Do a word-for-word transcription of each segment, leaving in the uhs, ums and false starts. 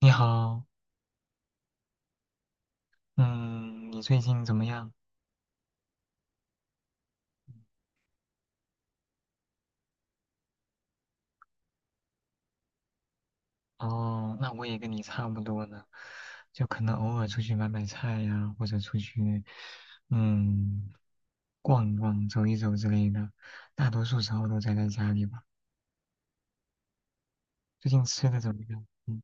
你好，嗯，你最近怎么样？哦，那我也跟你差不多呢，就可能偶尔出去买买菜呀，或者出去，嗯，逛一逛、走一走之类的，大多数时候都宅在家里吧。最近吃的怎么样？嗯。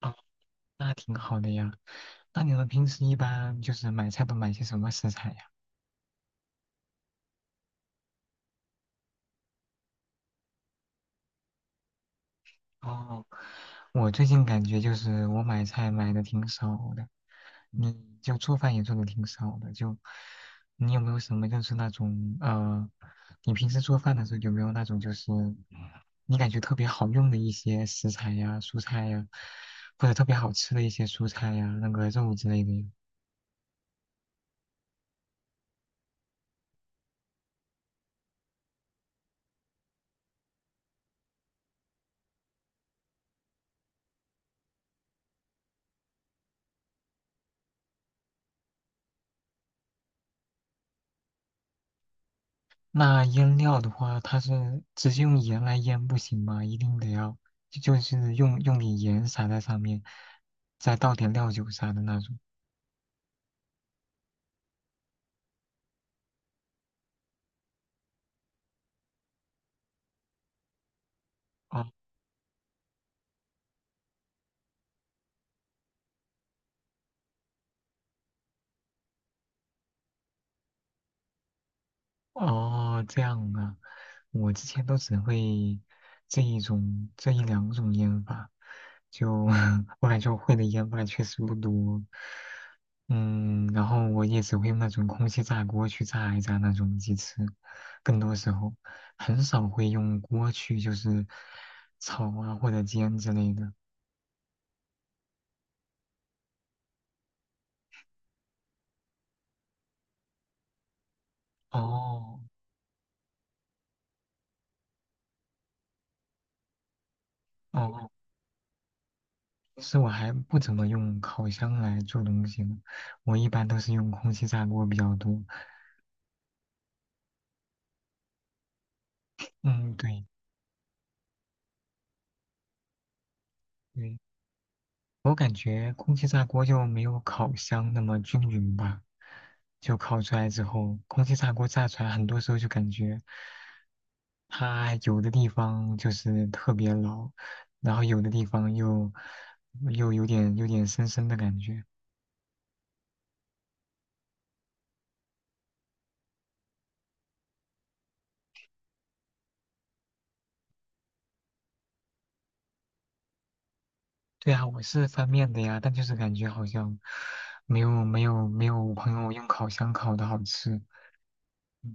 哦，那挺好的呀。那你们平时一般就是买菜都买些什么食材呀？哦。我最近感觉就是我买菜买的挺少的，你就做饭也做的挺少的，就你有没有什么就是那种呃，你平时做饭的时候有没有那种就是你感觉特别好用的一些食材呀、蔬菜呀，或者特别好吃的一些蔬菜呀、那个肉之类的呀。那腌料的话，它是直接用盐来腌不行吗？一定得要就就是用用点盐撒在上面，再倒点料酒啥的那种。哦。哦，这样啊，我之前都只会这一种这一两种烟法，就 后来就 会的烟法确实不多。嗯，然后我也只会用那种空气炸锅去炸一炸那种鸡翅，更多时候很少会用锅去就是炒啊或者煎之类的。哦。哦，其实我还不怎么用烤箱来做东西呢，我一般都是用空气炸锅比较多。嗯，对对，我感觉空气炸锅就没有烤箱那么均匀吧，就烤出来之后，空气炸锅炸出来，很多时候就感觉它有的地方就是特别老，然后有的地方又又有点有点生生的感觉。对啊，我是翻面的呀，但就是感觉好像没有没有没有我朋友用烤箱烤的好吃。嗯。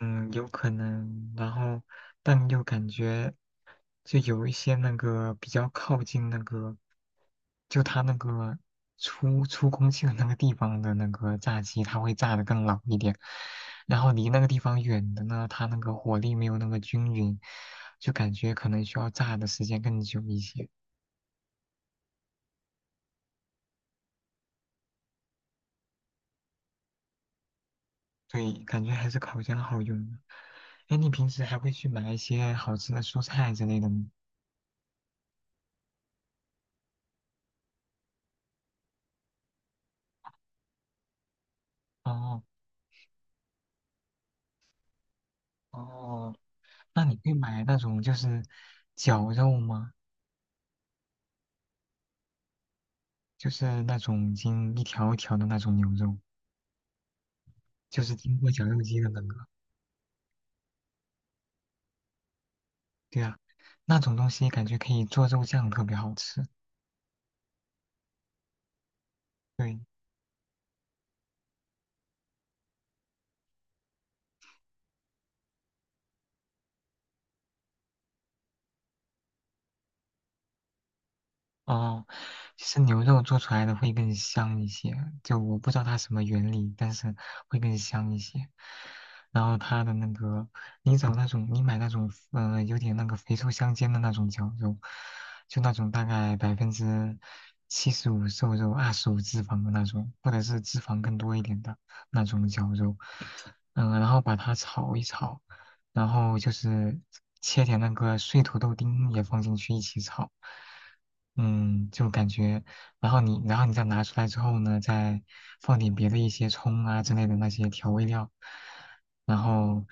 嗯，有可能，然后但又感觉就有一些那个比较靠近那个，就它那个出出空气的那个地方的那个炸鸡，它会炸得更老一点，然后离那个地方远的呢，它那个火力没有那么均匀，就感觉可能需要炸的时间更久一些。对，感觉还是烤箱好用的。哎，你平时还会去买一些好吃的蔬菜之类的吗？哦。哦，那你会买那种就是绞肉吗？就是那种已经一条一条的那种牛肉，就是经过绞肉机的那个。对啊，那种东西感觉可以做肉酱，特别好吃。对。哦，其实牛肉做出来的会更香一些，就我不知道它什么原理，但是会更香一些。然后它的那个，你找那种，你买那种，呃，有点那个肥瘦相间的那种绞肉，就那种大概百分之七十五瘦肉，二十五脂肪的那种，或者是脂肪更多一点的那种绞肉，嗯，然后把它炒一炒，然后就是切点那个碎土豆丁也放进去一起炒，嗯，就感觉，然后你，然后你再拿出来之后呢，再放点别的一些葱啊之类的那些调味料，然后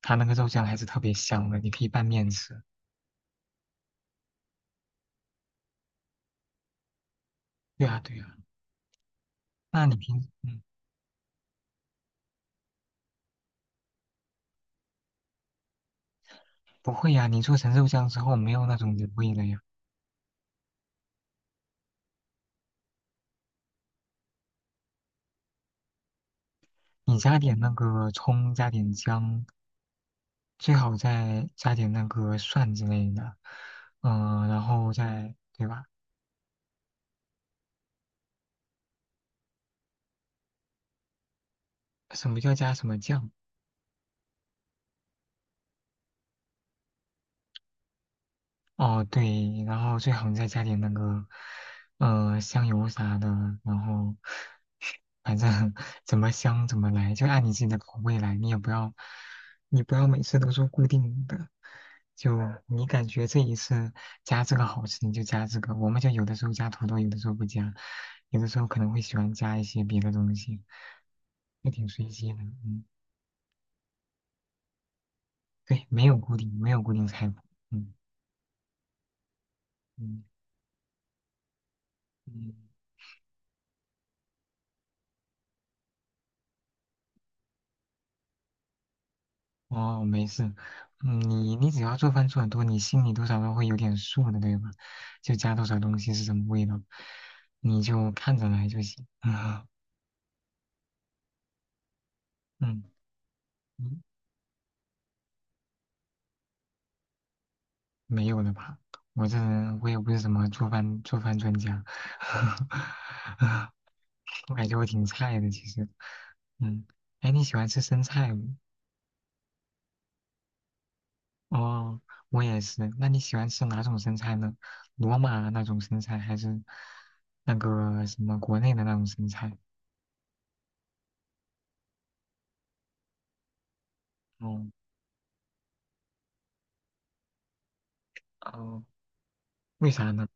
它那个肉酱还是特别香的，你可以拌面吃。对啊，对啊。那你平，嗯，不会呀、你做成肉酱之后没有那种油味了呀？你加点那个葱，加点姜。最好再加点那个蒜之类的，嗯、然后再对吧？什么叫加什么酱？哦，对，然后最好再加点那个，呃，香油啥的，然后反正 怎么香怎么来，就按你自己的口味来，你也不要，你不要每次都做固定的，就你感觉这一次加这个好吃，你就加这个。我们就有的时候加土豆，有的时候不加，有的时候可能会喜欢加一些别的东西。还挺随机的。嗯，对，没有固定，没有固定菜谱。嗯嗯嗯，哦，没事。嗯，你你只要做饭做得多，你心里多少都会有点数的，对吧？就加多少东西是什么味道，你就看着来就行。嗯。嗯，没有了吧？我这人我也不是什么做饭做饭专家。我感觉我挺菜的其实。嗯，哎，你喜欢吃生菜吗？哦，我也是。那你喜欢吃哪种生菜呢？罗马那种生菜，还是那个什么国内的那种生菜？哦。哦，为啥呢？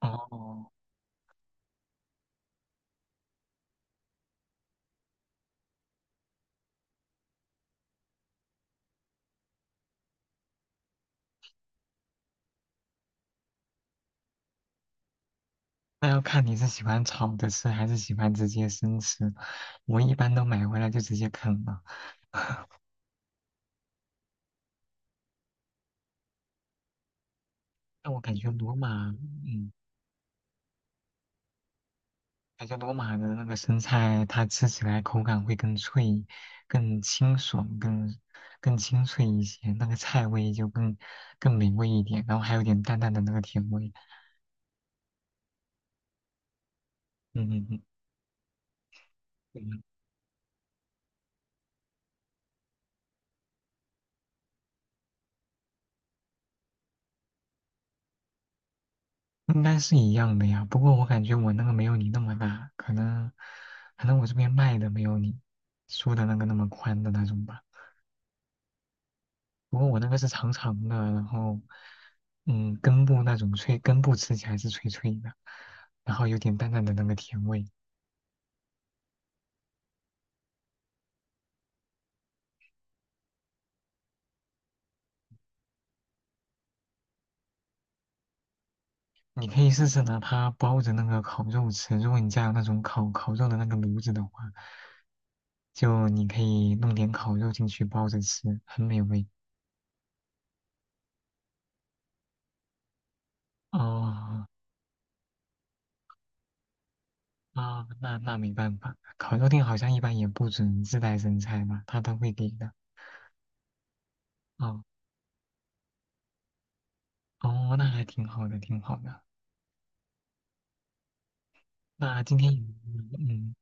哦，那要看你是喜欢炒着吃，还是喜欢直接生吃。我一般都买回来就直接啃了。但我感觉罗马，嗯，感觉罗马的那个生菜，它吃起来口感会更脆、更清爽、更更清脆一些，那个菜味就更更美味一点，然后还有点淡淡的那个甜味。嗯嗯嗯，嗯应该是一样的呀。不过我感觉我那个没有你那么大，可能可能我这边卖的没有你说的那个那么宽的那种吧。不过我那个是长长的，然后嗯根部那种脆，根部吃起来是脆脆的，然后有点淡淡的那个甜味。你可以试试拿它包着那个烤肉吃。如果你家有那种烤烤肉的那个炉子的话，就你可以弄点烤肉进去包着吃，很美味。哦。啊，那那没办法，烤肉店好像一般也不准自带生菜吧，他都会给的。哦。哦，那还挺好的，挺好的。那今天也嗯嗯，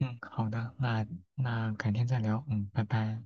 嗯，好的，那那改天再聊，嗯，拜拜。